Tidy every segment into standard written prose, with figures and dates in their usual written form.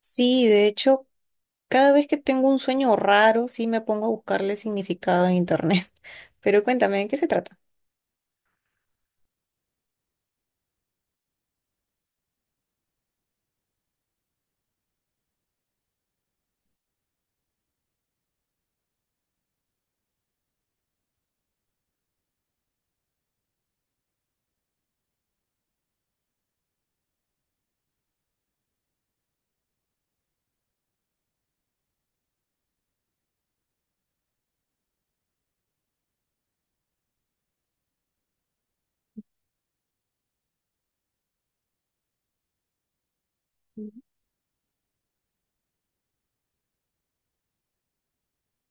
Sí, de hecho, cada vez que tengo un sueño raro, sí me pongo a buscarle significado en internet. Pero cuéntame, ¿de qué se trata?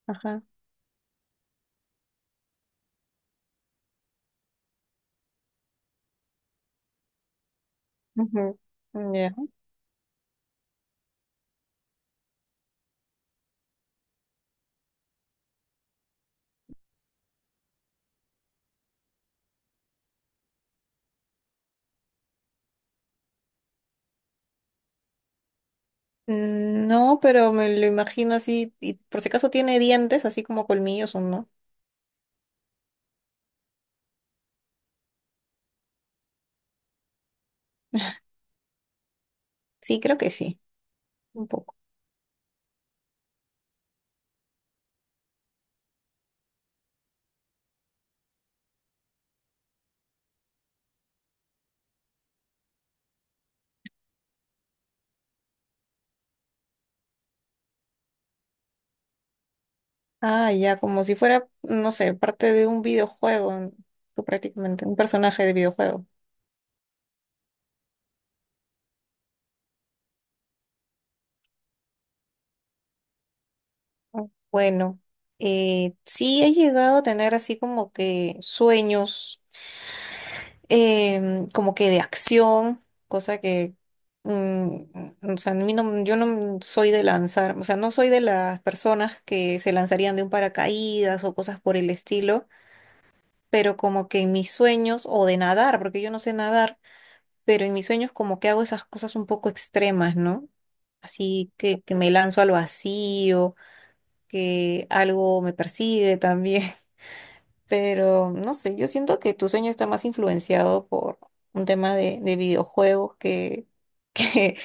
Ajá. Ujú. Ya. Mm, no, pero me lo imagino así, y por si acaso tiene dientes, así como colmillos o no. Sí, creo que sí, un poco. Ah, ya, como si fuera, no sé, parte de un videojuego, tú prácticamente, un personaje de videojuego. Bueno, sí he llegado a tener así como que sueños, como que de acción, cosa que, mm, mm, o sea, a mí no- yo no soy de lanzar, o sea, no soy de las personas que se lanzarían de un paracaídas o cosas por el estilo, pero como que en mis sueños, o de nadar, porque yo no sé nadar, pero en mis sueños como que hago esas cosas un poco extremas, ¿no? Así que me lanzo al vacío, que algo me persigue también. Pero no sé, yo siento que tu sueño está más influenciado por un tema de videojuegos que,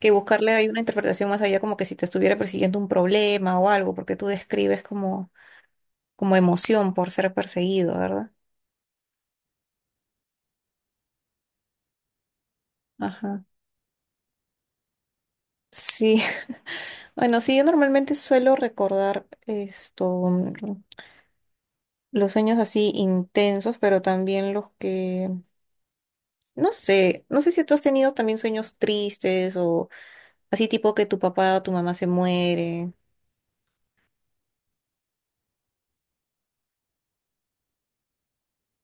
que buscarle ahí una interpretación más allá, como que si te estuviera persiguiendo un problema o algo, porque tú describes como, como emoción por ser perseguido, ¿verdad? Ajá. Sí, bueno, sí, yo normalmente suelo recordar los sueños así intensos, pero también los que, no sé, no sé si tú has tenido también sueños tristes o así tipo que tu papá o tu mamá se muere.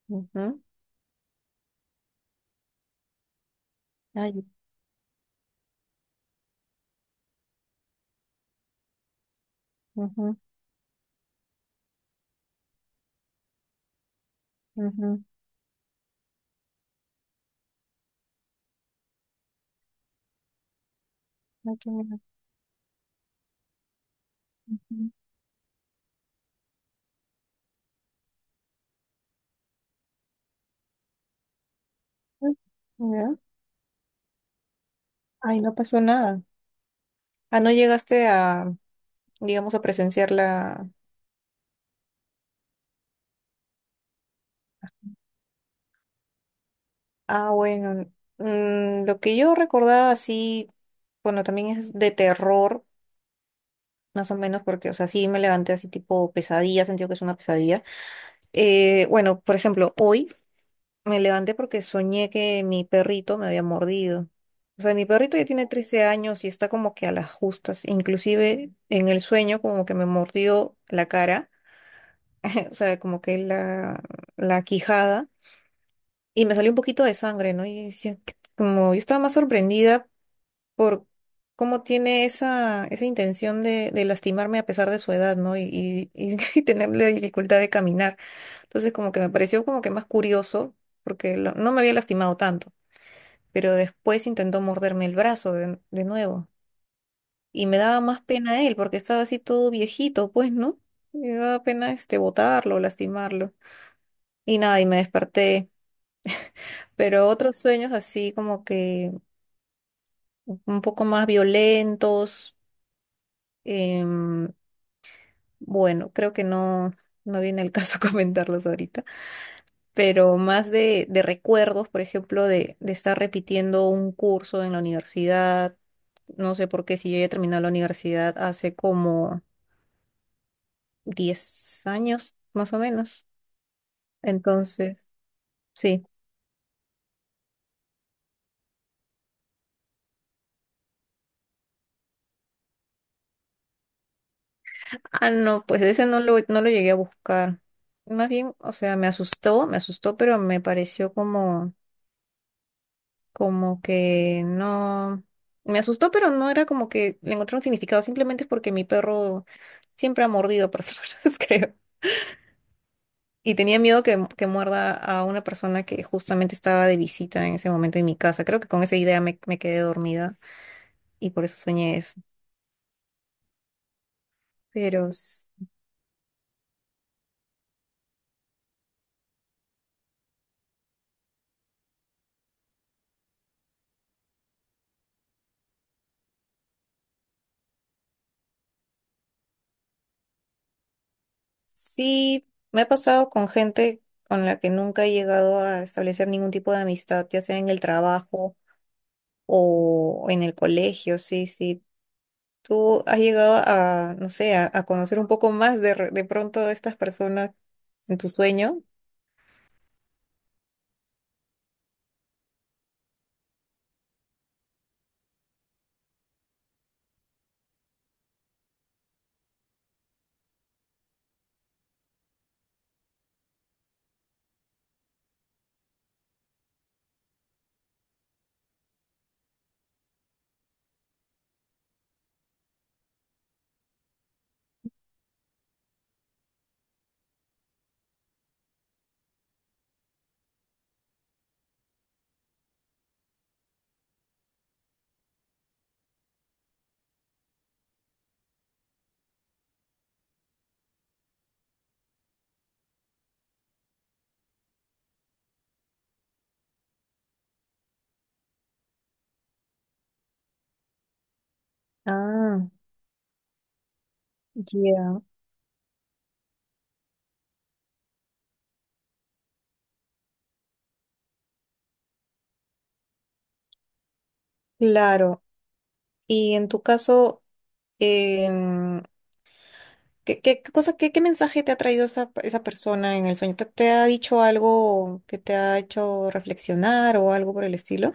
Ujú. Ay, ujú, ujú. Ay, qué miedo. Ujú. Ay, ya. Ay, no pasó nada. Ah, no llegaste a, digamos, a presenciar la... Ah, bueno. Lo que yo recordaba así, bueno, también es de terror, más o menos, porque, o sea, sí me levanté así tipo pesadilla, sentí que es una pesadilla. Bueno, por ejemplo, hoy. Me levanté porque soñé que mi perrito me había mordido. O sea, mi perrito ya tiene 13 años y está como que a las justas. Inclusive en el sueño como que me mordió la cara, o sea, como que la quijada y me salió un poquito de sangre, ¿no? Y decía, "¿Qué?", como yo estaba más sorprendida por cómo tiene esa intención de lastimarme a pesar de su edad, ¿no? Y y tener la dificultad de caminar. Entonces como que me pareció como que más curioso porque no me había lastimado tanto, pero después intentó morderme el brazo de nuevo. Y me daba más pena él, porque estaba así todo viejito, pues, ¿no? Me daba pena este botarlo, lastimarlo. Y nada, y me desperté. Pero otros sueños así como que un poco más violentos. em, bueno, creo que no, no viene el caso comentarlos ahorita, pero más de recuerdos, por ejemplo, de estar repitiendo un curso en la universidad. No sé por qué, si yo ya he terminado la universidad hace como 10 años, más o menos. Entonces, sí. Ah, no, pues ese no lo llegué a buscar. Más bien, o sea, me asustó, pero me pareció como, como que no. Me asustó, pero no era como que le encontré un significado, simplemente es porque mi perro siempre ha mordido personas, creo. Y tenía miedo que muerda a una persona que justamente estaba de visita en ese momento en mi casa. Creo que con esa me quedé dormida y por eso soñé eso. Pero s- sí, me ha pasado con gente con la que nunca he llegado a establecer ningún tipo de amistad, ya sea en el trabajo o en el colegio. Sí, sí. ¿Tú has llegado a, no sé, a conocer un poco más de, de pronto a estas personas en tu sueño? Ah, ya. Claro. Y en tu caso... Em, ¿qué, qué cosa, qué, qué mensaje te ha traído esa persona en el sueño? ¿Te, te ha dicho algo que te ha hecho reflexionar o algo por el estilo?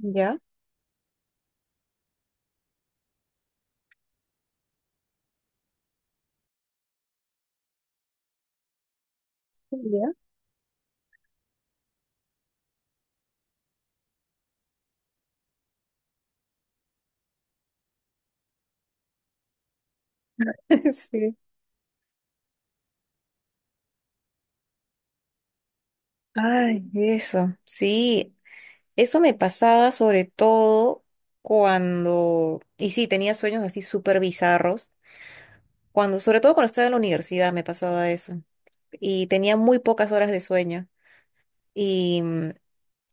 ¿Ya? Ya. Sí. Ay, eso, sí, eso me pasaba sobre todo cuando, y sí, tenía sueños así súper bizarros, cuando, sobre todo cuando estaba en la universidad me pasaba eso, y tenía muy pocas horas de sueño.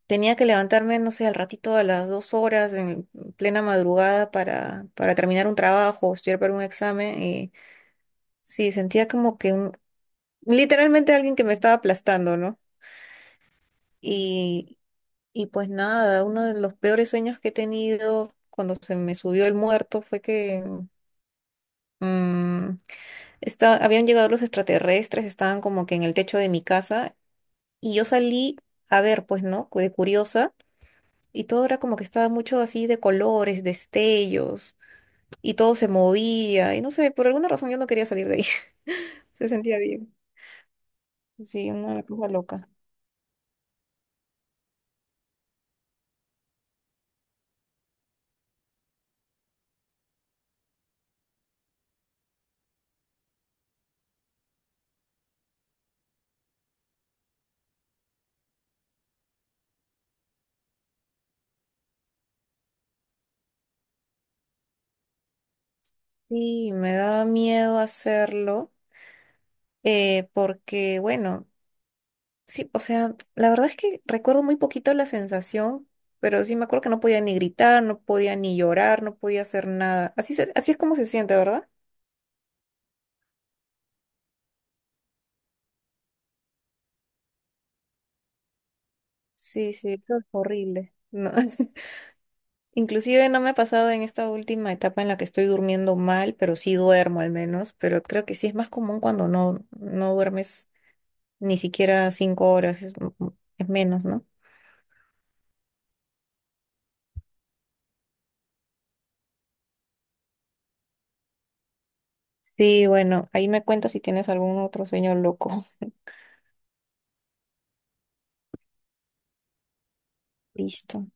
Tenía que levantarme, no sé, al ratito a las 2 horas en plena madrugada para terminar un trabajo, estudiar para un examen. Y sí, sentía como que un, literalmente alguien que me estaba aplastando, ¿no? Y, y pues nada, uno de los peores sueños que he tenido cuando se me subió el muerto fue que mm, habían llegado los extraterrestres, estaban como que en el techo de mi casa y yo salí a ver, pues, ¿no? De curiosa. Y todo era como que estaba mucho así de colores, destellos, y todo se movía, y no sé, por alguna razón yo no quería salir de ahí, se sentía bien. Sí, una cosa loca. Sí, me daba miedo hacerlo, porque bueno, sí, o sea, la verdad es que recuerdo muy poquito la sensación, pero sí me acuerdo que no podía ni gritar, no podía ni llorar, no podía hacer nada. Así, así es como se siente, ¿verdad? Sí, sí, eso es horrible. No. Inclusive no me ha pasado en esta última etapa en la que estoy durmiendo mal, pero sí duermo al menos, pero creo que sí es más común cuando no, no duermes ni siquiera 5 horas, es, es menos, ¿no? Sí, bueno, ahí me cuentas si tienes algún otro sueño loco. Listo.